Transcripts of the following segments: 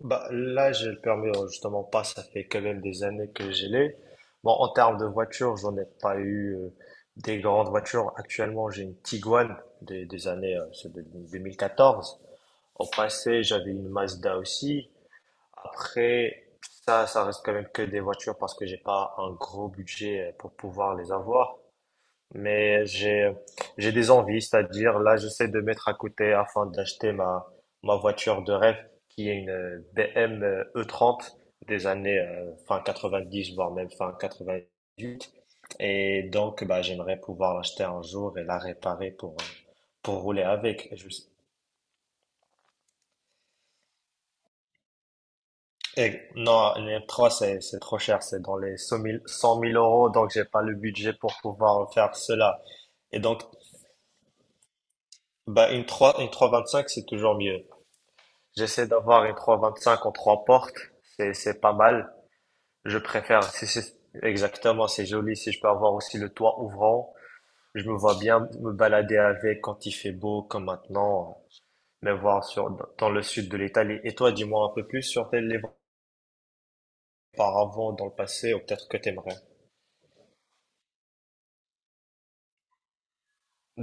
Bah, là, j'ai le permis, justement pas, ça fait quand même des années que je l'ai. Bon, en termes de voiture, j'en ai pas eu des grandes voitures. Actuellement, j'ai une Tiguan des années c'est de 2014. Au passé, j'avais une Mazda aussi. Après, ça reste quand même que des voitures parce que j'ai pas un gros budget pour pouvoir les avoir. Mais j'ai des envies, c'est-à-dire là j'essaie de mettre à côté afin d'acheter ma voiture de rêve qui est une BM e trente des années fin dix voire même fin quatre-vingt huit et donc bah j'aimerais pouvoir l'acheter un jour et la réparer pour rouler avec. Et non, une trois c'est trop cher, c'est dans les 100 000 cent mille euros donc j'ai pas le budget pour pouvoir faire cela. Et donc bah une trois vingt cinq c'est toujours mieux. J'essaie d'avoir une 325 en trois portes. C'est pas mal. Je préfère, si c'est, exactement, c'est joli. Si je peux avoir aussi le toit ouvrant, je me vois bien me balader avec quand il fait beau, comme maintenant, me voir sur, dans le sud de l'Italie. Et toi, dis-moi un peu plus sur tes livres auparavant, dans le passé, ou peut-être que t'aimerais.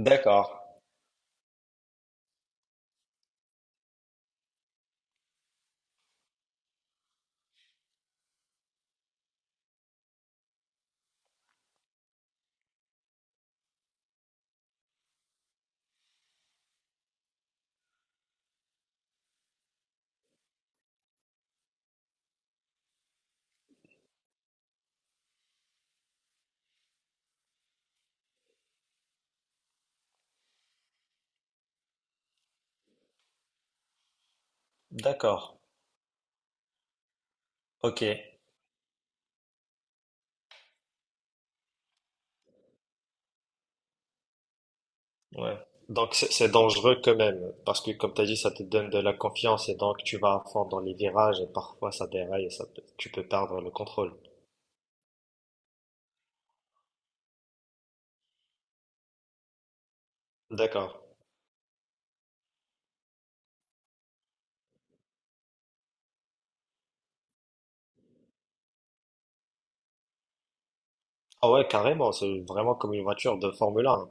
D'accord. D'accord. Ok. Ouais. Donc, c'est dangereux quand même, parce que comme t'as dit, ça te donne de la confiance et donc tu vas à fond dans les virages et parfois ça déraille et ça, tu peux perdre le contrôle. D'accord. Ah ouais, carrément, c'est vraiment comme une voiture de Formule 1.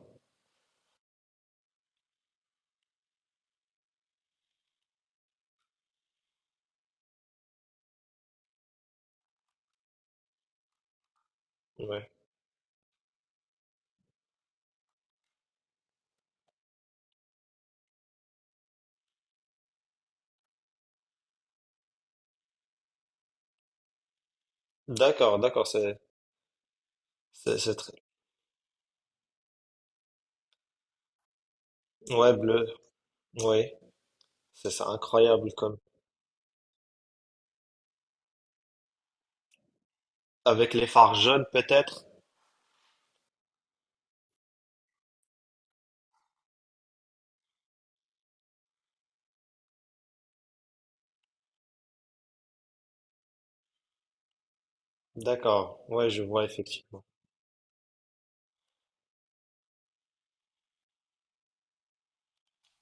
Ouais. D'accord, d'accord, c'est très. Ouais, bleu. Ouais, c'est incroyable comme avec les phares jaunes peut-être. D'accord. Ouais, je vois effectivement.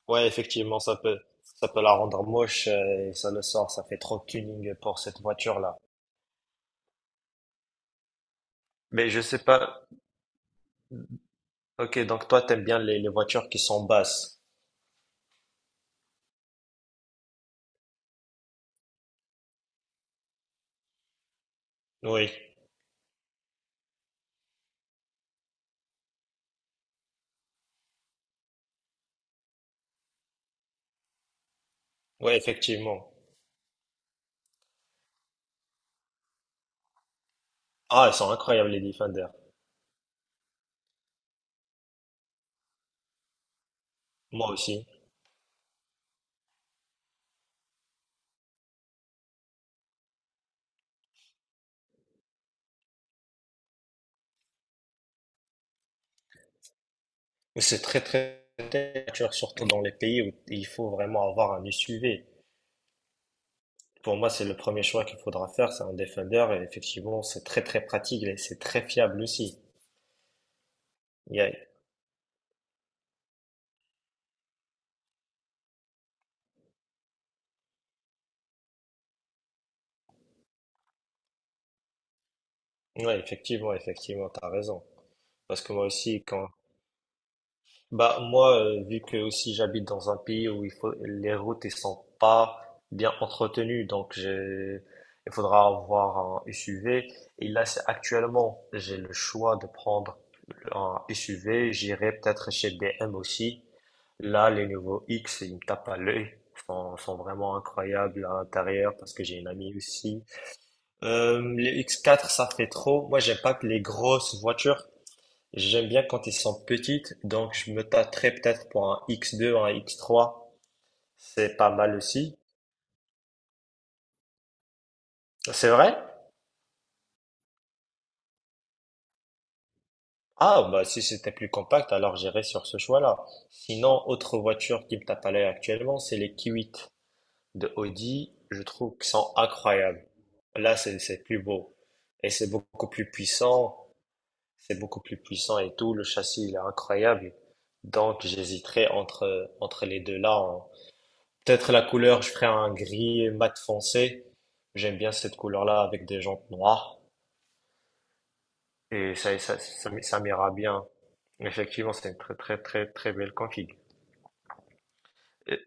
Ouais, effectivement, ça peut la rendre moche et ça le sort, ça fait trop tuning pour cette voiture-là. Mais je sais pas. OK, donc toi t'aimes bien les voitures qui sont basses. Oui. Ouais, effectivement. Ah, elles sont incroyables les Defender. Moi aussi. C'est très très très cher, surtout dans les pays où il faut vraiment avoir un SUV. Pour moi, c'est le premier choix qu'il faudra faire, c'est un Defender et effectivement, c'est très très pratique et c'est très fiable aussi. Il y a- Ouais, effectivement, effectivement, t'as raison. Parce que moi aussi, quand. Bah moi, vu que aussi j'habite dans un pays où il faut les routes ne sont pas bien entretenues, donc j'ai il faudra avoir un SUV. Et là, c'est actuellement, j'ai le choix de prendre un SUV. J'irai peut-être chez BM aussi. Là, les nouveaux X, ils me tapent à l'œil. Ils sont vraiment incroyables à l'intérieur parce que j'ai une amie aussi. Les X4, ça fait trop. Moi, j'aime pas que les grosses voitures. J'aime bien quand ils sont petites, donc je me tâterais peut-être pour un X2, un X3. C'est pas mal aussi. C'est vrai? Ah, bah si c'était plus compact, alors j'irais sur ce choix-là. Sinon, autre voiture qui me tape à l'œil actuellement, c'est les Q8 de Audi. Je trouve qu'ils sont incroyables. Là, c'est plus beau. Et c'est beaucoup plus puissant. C'est beaucoup plus puissant et tout. Le châssis, il est incroyable. Donc, j'hésiterais entre les deux-là, hein. Peut-être la couleur, je ferais un gris mat foncé. J'aime bien cette couleur-là avec des jantes noires et ça m'ira bien. Effectivement, c'est une très très très très belle config. Et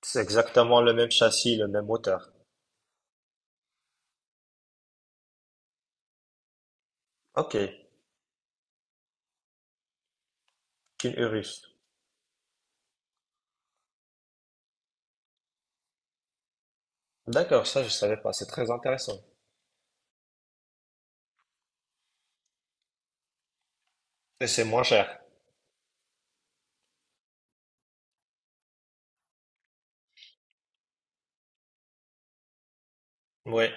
c'est exactement le même châssis, le même moteur. Ok, qu'une Urus. D'accord, ça je savais pas, c'est très intéressant. Et c'est moins cher. Oui,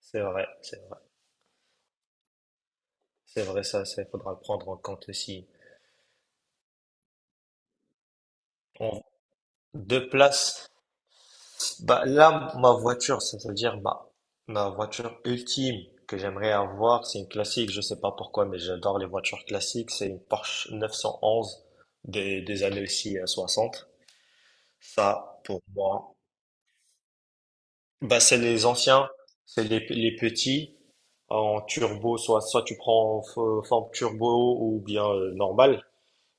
c'est vrai, c'est vrai. C'est vrai, ça, il faudra le prendre en compte aussi. En deux places, bah, là, ma voiture, c'est-à-dire bah, ma voiture ultime que j'aimerais avoir, c'est une classique, je sais pas pourquoi, mais j'adore les voitures classiques, c'est une Porsche 911 des années aussi soixante. Ça, pour moi, bah, c'est les anciens, c'est les petits en turbo, soit tu prends en forme turbo ou bien normale.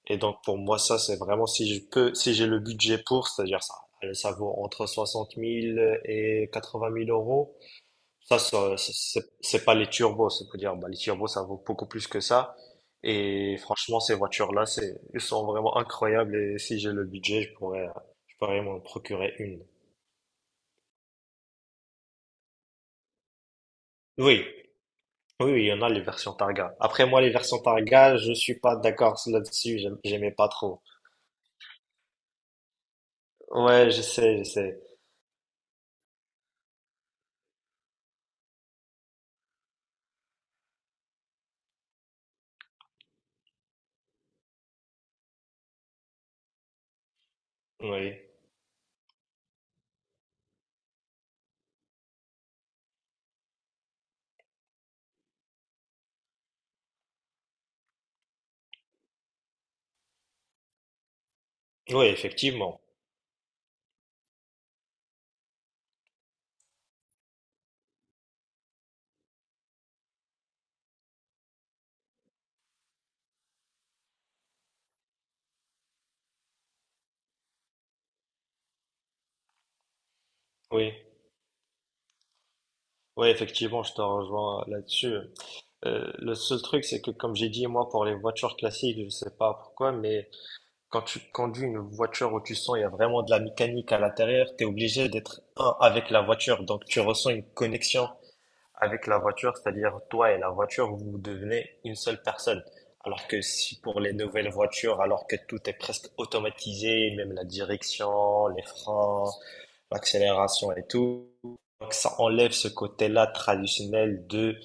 Et donc, pour moi, ça, c'est vraiment si je peux, si j'ai le budget pour, c'est-à-dire ça, ça vaut entre 60 000 et 80 000 euros. Ça, c'est pas les turbos, c'est-à-dire, bah, les turbos, ça vaut beaucoup plus que ça. Et franchement, ces voitures-là, elles sont vraiment incroyables. Et si j'ai le budget, je pourrais m'en procurer une. Oui, oui, oui, il y en a les versions Targa. Après, moi, les versions Targa, je suis pas d'accord là-dessus. J'aimais pas trop. Ouais, je sais, je sais. Oui, oui, effectivement. Oui, oui, effectivement, je te rejoins là-dessus. Le seul truc, c'est que, comme j'ai dit, moi, pour les voitures classiques, je sais pas pourquoi, mais quand tu conduis une voiture où tu sens il y a vraiment de la mécanique à l'intérieur, tu es obligé d'être un avec la voiture. Donc tu ressens une connexion avec la voiture, c'est-à-dire toi et la voiture, vous devenez une seule personne. Alors que si pour les nouvelles voitures, alors que tout est presque automatisé, même la direction, les freins, l'accélération et tout, donc ça enlève ce côté-là traditionnel de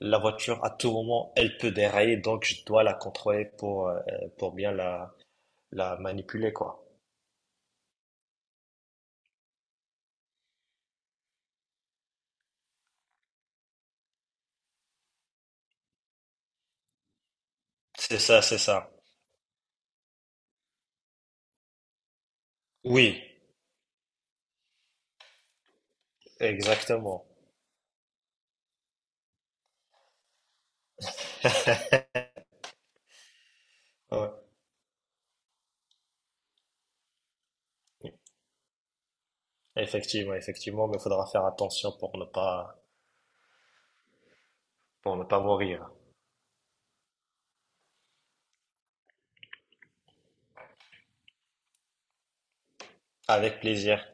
la voiture à tout moment, elle peut dérailler, donc je dois la contrôler pour bien la manipuler, quoi. C'est ça, c'est ça. Oui, exactement, ouais. Effectivement, effectivement, mais il faudra faire attention pour ne pas mourir. Avec plaisir.